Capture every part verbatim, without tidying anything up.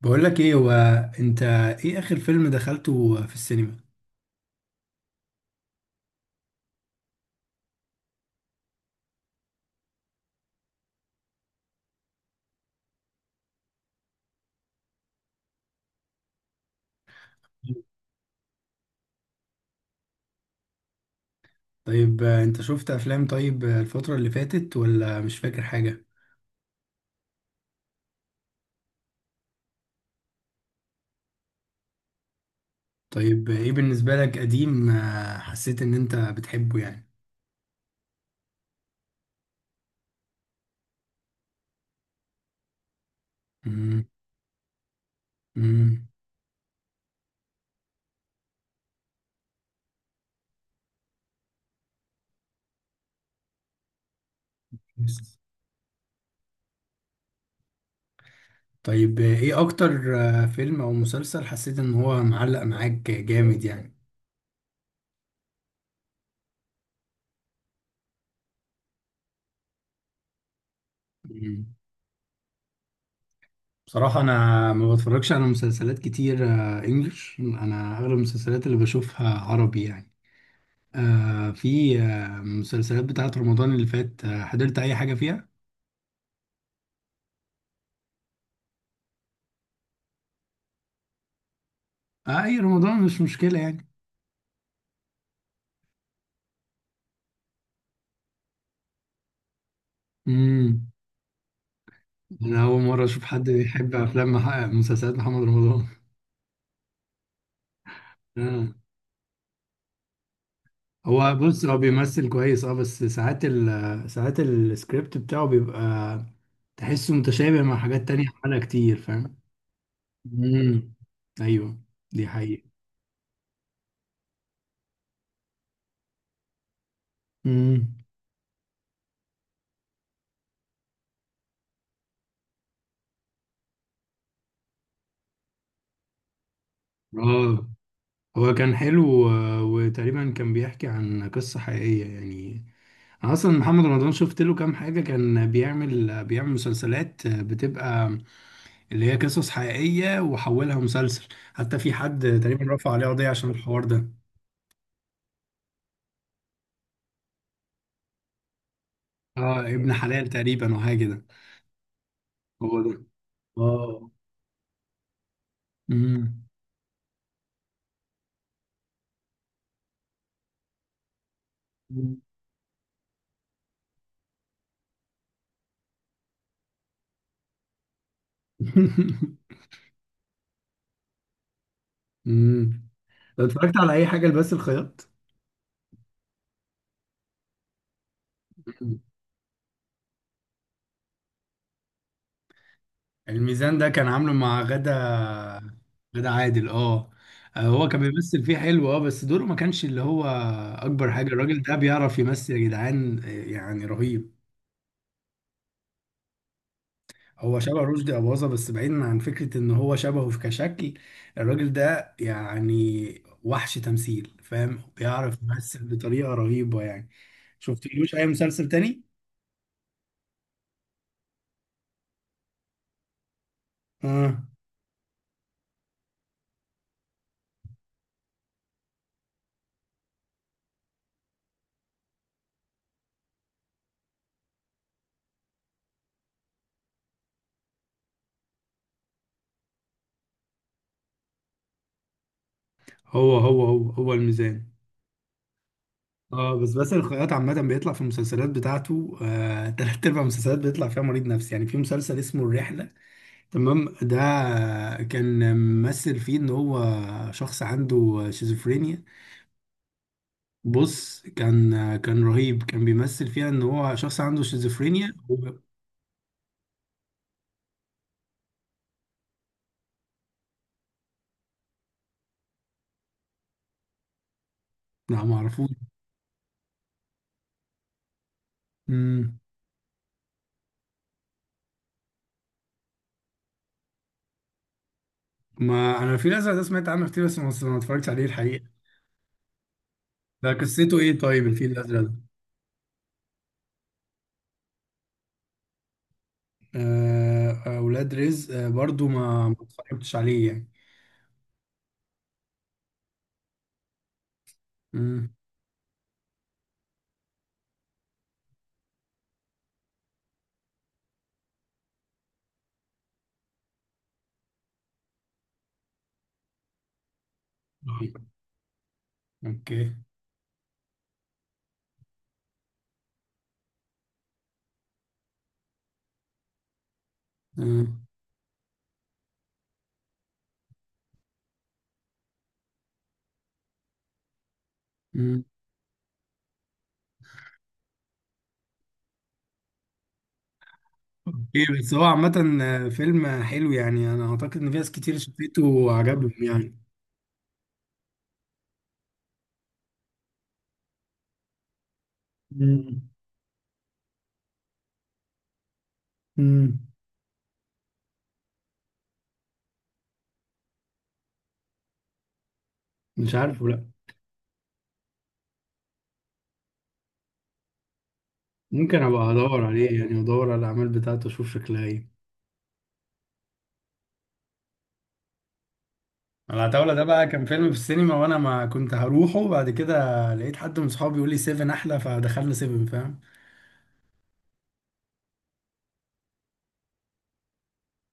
بقول لك ايه هو. انت، ايه اخر فيلم دخلته في السينما؟ طيب، آه، انت شفت افلام طيب، آه، الفترة اللي فاتت ولا مش فاكر حاجة؟ طيب، آه، ايه بالنسبة لك قديم، آه، حسيت ان انت بتحبه يعني؟ مم. مم. بس. طيب، آه، ايه اكتر آه، فيلم او مسلسل حسيت ان هو معلق معاك جامد يعني؟ مم. بصراحة انا ما بتفرجش على مسلسلات كتير، آه، انجلش، انا اغلب المسلسلات اللي بشوفها عربي يعني. آه، في آه مسلسلات بتاعت رمضان اللي فات، آه حضرت اي حاجة فيها؟ آه، اي رمضان مش مشكلة يعني. امم. انا اول مرة اشوف حد يحب افلام مح- مسلسلات محمد رمضان. آه. هو بص، هو بيمثل كويس، اه بس ساعات ال ساعات السكريبت بتاعه بيبقى تحسه متشابه مع حاجات تانية عملها كتير، فاهم؟ امم. ايوه، دي حقيقة. امم. اه، هو كان حلو، آه، وتقريبا كان بيحكي عن قصة حقيقية يعني. أنا اصلا محمد رمضان شفت له كام حاجه، كان بيعمل بيعمل مسلسلات بتبقى اللي هي قصص حقيقيه وحولها مسلسل. حتى في حد تقريبا رفع عليه قضيه عشان الحوار ده. اه، ابن حلال تقريبا او حاجه كده. هو ده. اه. امم. امم. اتفرجت على اي حاجه لبس الخياط؟ الميزان ده كان عامله مع غدا. غدا عادل، اه. آه، هو كان بيمثل فيه حلو، اه بس دوره ما كانش اللي هو اكبر حاجه. الراجل ده بيعرف يمثل يا جدعان، آه، يعني رهيب. هو شبه رشدي اباظه، بس بعيدا عن فكره ان هو شبهه في كشكل. الراجل ده يعني وحش تمثيل، فاهم، بيعرف يمثل بطريقه رهيبه يعني. شفتلوش اي مسلسل تاني؟ اه، هو هو هو هو الميزان. اه، بس باسل الخياط عامة بيطلع في المسلسلات بتاعته، آه، تلات أرباع المسلسلات بيطلع فيها مريض نفسي يعني. في مسلسل اسمه الرحلة، تمام، ده كان ممثل فيه إن هو شخص عنده شيزوفرينيا. بص، كان كان رهيب، كان بيمثل فيها إن هو شخص عنده شيزوفرينيا. هو- لا، معرفوش. مم. ما أنا الفيل الأزرق ده سمعت عنه كتير، بس ما ما اتفرجتش عليه الحقيقة. ده قصته إيه طيب الفيل الأزرق ده؟ آه، أولاد رزق، آه، برضو ما ما اتفرجتش عليه يعني. مم. اوكي. آه. مم. اوكي، بس هو عامة، آه، فيلم حلو يعني. انا اعتقد ان في ناس كتير شافته وعجبهم يعني. مم. مم. مش عارف، لا. ممكن ابقى ادور عليه يعني، ادور على الاعمال بتاعته اشوف شكلها ايه. العتاولة ده بقى كان فيلم في السينما، وانا ما كنت هروحه، بعد كده لقيت حد من صحابي بيقول لي سيفن احلى فدخلنا سيفن، فاهم.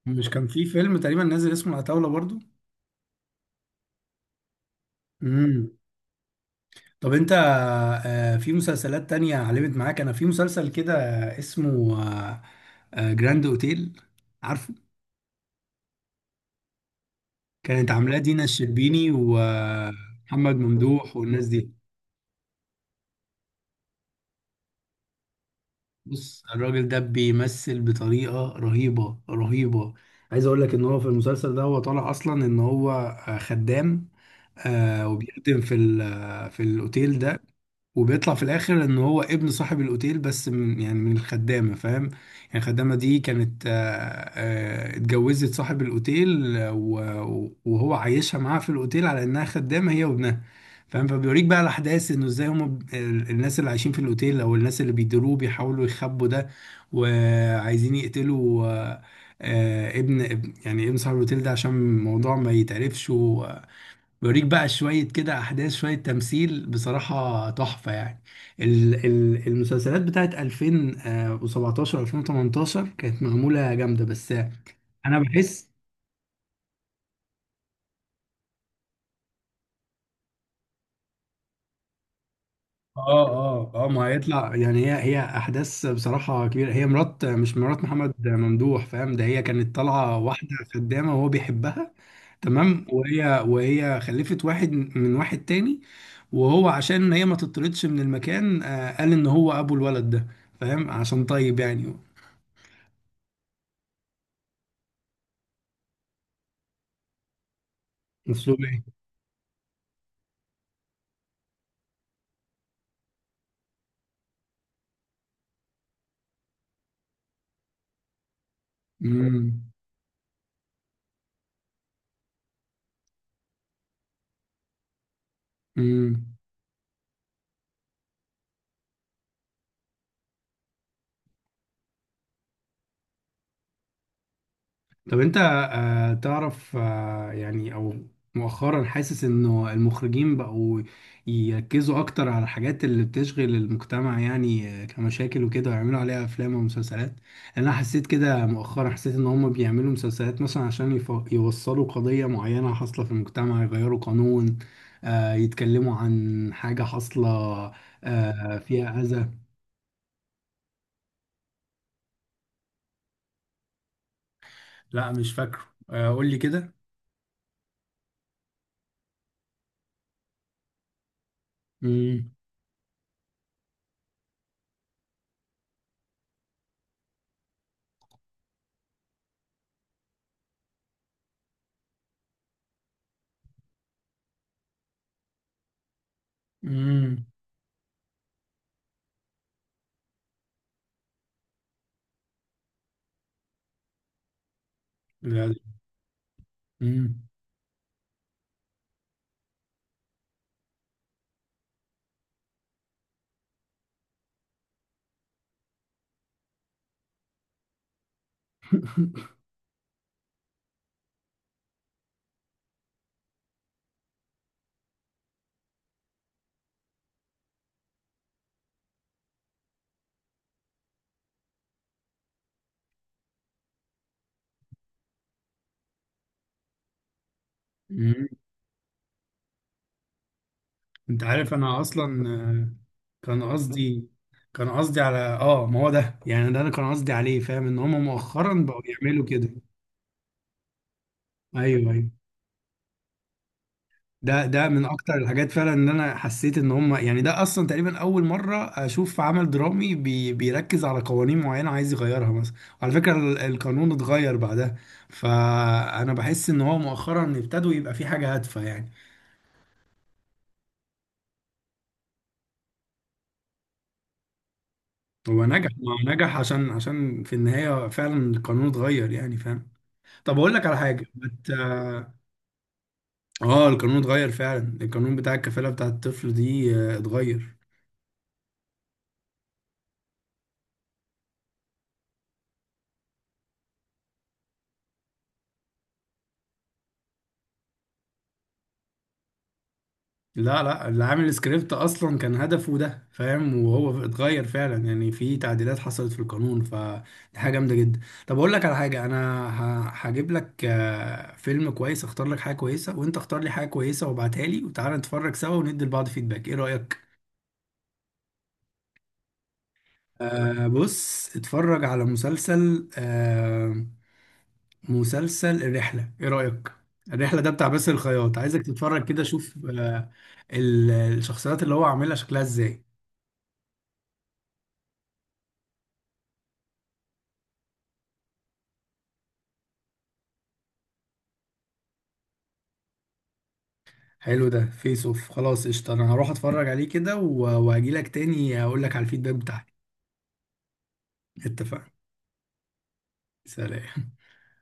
مش كان في فيلم تقريبا نازل اسمه العتاولة برضو؟ مم. طب انت، آه، في مسلسلات تانية علمت معاك. انا في مسلسل كده اسمه جراند اوتيل، عارفه؟ كانت عاملاه دينا الشربيني ومحمد ممدوح والناس دي. بص، الراجل ده بيمثل بطريقة رهيبة رهيبة. عايز اقول لك ان هو في المسلسل ده هو طالع اصلا ان هو آه، خدام، آه وبيخدم في ال- في الاوتيل ده. وبيطلع في الاخر ان هو ابن صاحب الاوتيل، بس من يعني من الخدامه، فاهم. يعني الخدامه دي كانت، آه، آه، اتجوزت صاحب الاوتيل، آه، و- وهو عايشها معاها في الاوتيل على انها خدامه هي وابنها، فاهم. فبيوريك بقى الاحداث انه ازاي هم ب- ال- الناس اللي عايشين في الاوتيل او الناس اللي بيديروه بيحاولوا يخبوا ده. وعايزين يقتلوا آه، آه، ابن ابن- يعني ابن صاحب الاوتيل ده عشان الموضوع ما يتعرفش. بيوريك بقى شوية كده أحداث، شوية تمثيل بصراحة تحفة يعني. ال- ال- المسلسلات بتاعت ألفين وسبعتاشر ألفين وتمنتاشر كانت معمولة جامدة بس. أنا بحس آه آه آه ما هيطلع يعني. هي هي أحداث بصراحة كبيرة، هي مرات مش مرات محمد ممدوح، فاهم، ده هي كانت طالعة واحدة خدامة وهو بيحبها تمام. وهي وهي خلفت واحد من واحد تاني، وهو عشان هي ما تطردش من المكان، آه، قال ان هو ابو الولد ده، فاهم، عشان طيب يعني. اسلوب ايه؟ امم. طب انت آه تعرف آه يعني، او مؤخرا حاسس انه المخرجين بقوا يركزوا اكتر على الحاجات اللي بتشغل المجتمع يعني، آه، كمشاكل وكده، ويعملوا عليها افلام ومسلسلات. انا حسيت كده مؤخرا، حسيت ان هم بيعملوا مسلسلات مثلا عشان يف- يوصلوا قضية معينة حاصلة في المجتمع، يغيروا قانون، آه يتكلموا عن حاجة حاصلة آه فيها اذى. لا، مش فاكره. آه قول لي كده. امم. امم. انت عارف انا اصلا آه، كان قصدي كان قصدي على اه ما هو ده يعني. ده انا كان قصدي عليه، فاهم، ان هم مؤخرا بقوا يعملوا كده. ايوه، ايوه. ده ده من اكتر الحاجات فعلا، ان انا حسيت ان هم يعني ده اصلا تقريبا اول مره اشوف عمل درامي بي بيركز على قوانين معينه عايز يغيرها مثلا. وعلى فكره ال- القانون اتغير بعدها. فانا بحس ان هو مؤخرا ابتدوا يبقى في حاجه هادفه يعني. هو نجح، ما هو نجح عشان عشان في النهايه فعلا القانون اتغير يعني، فاهم. طب اقول لك على حاجه بت... اه آه، القانون اتغير فعلا، القانون بتاع الكفاله بتاع الطفل دي، آه، اتغير. لا، لا، اللي عامل السكريبت اصلا كان هدفه ده، فاهم، وهو اتغير فعلا يعني، في تعديلات حصلت في القانون، فدي حاجه جامده جدا. طب اقول لك على حاجه: انا ه- هجيب لك آه، فيلم كويس، اختار لك حاجه كويسه وانت اختار لي حاجه كويسه وابعتها لي وتعالى نتفرج سوا وندي لبعض فيدباك، ايه رايك؟ آه بص، اتفرج على مسلسل، آه مسلسل الرحلة، ايه رأيك؟ الرحلة ده بتاع باسل الخياط، عايزك تتفرج كده شوف آه، ال- الشخصيات اللي هو عاملها شكلها ازاي. حلو، ده فيس اوف، خلاص قشطة، انا هروح اتفرج عليه كده و- واجيلك تاني اقول لك على الفيدباك بتاعي. اتفقنا. سلام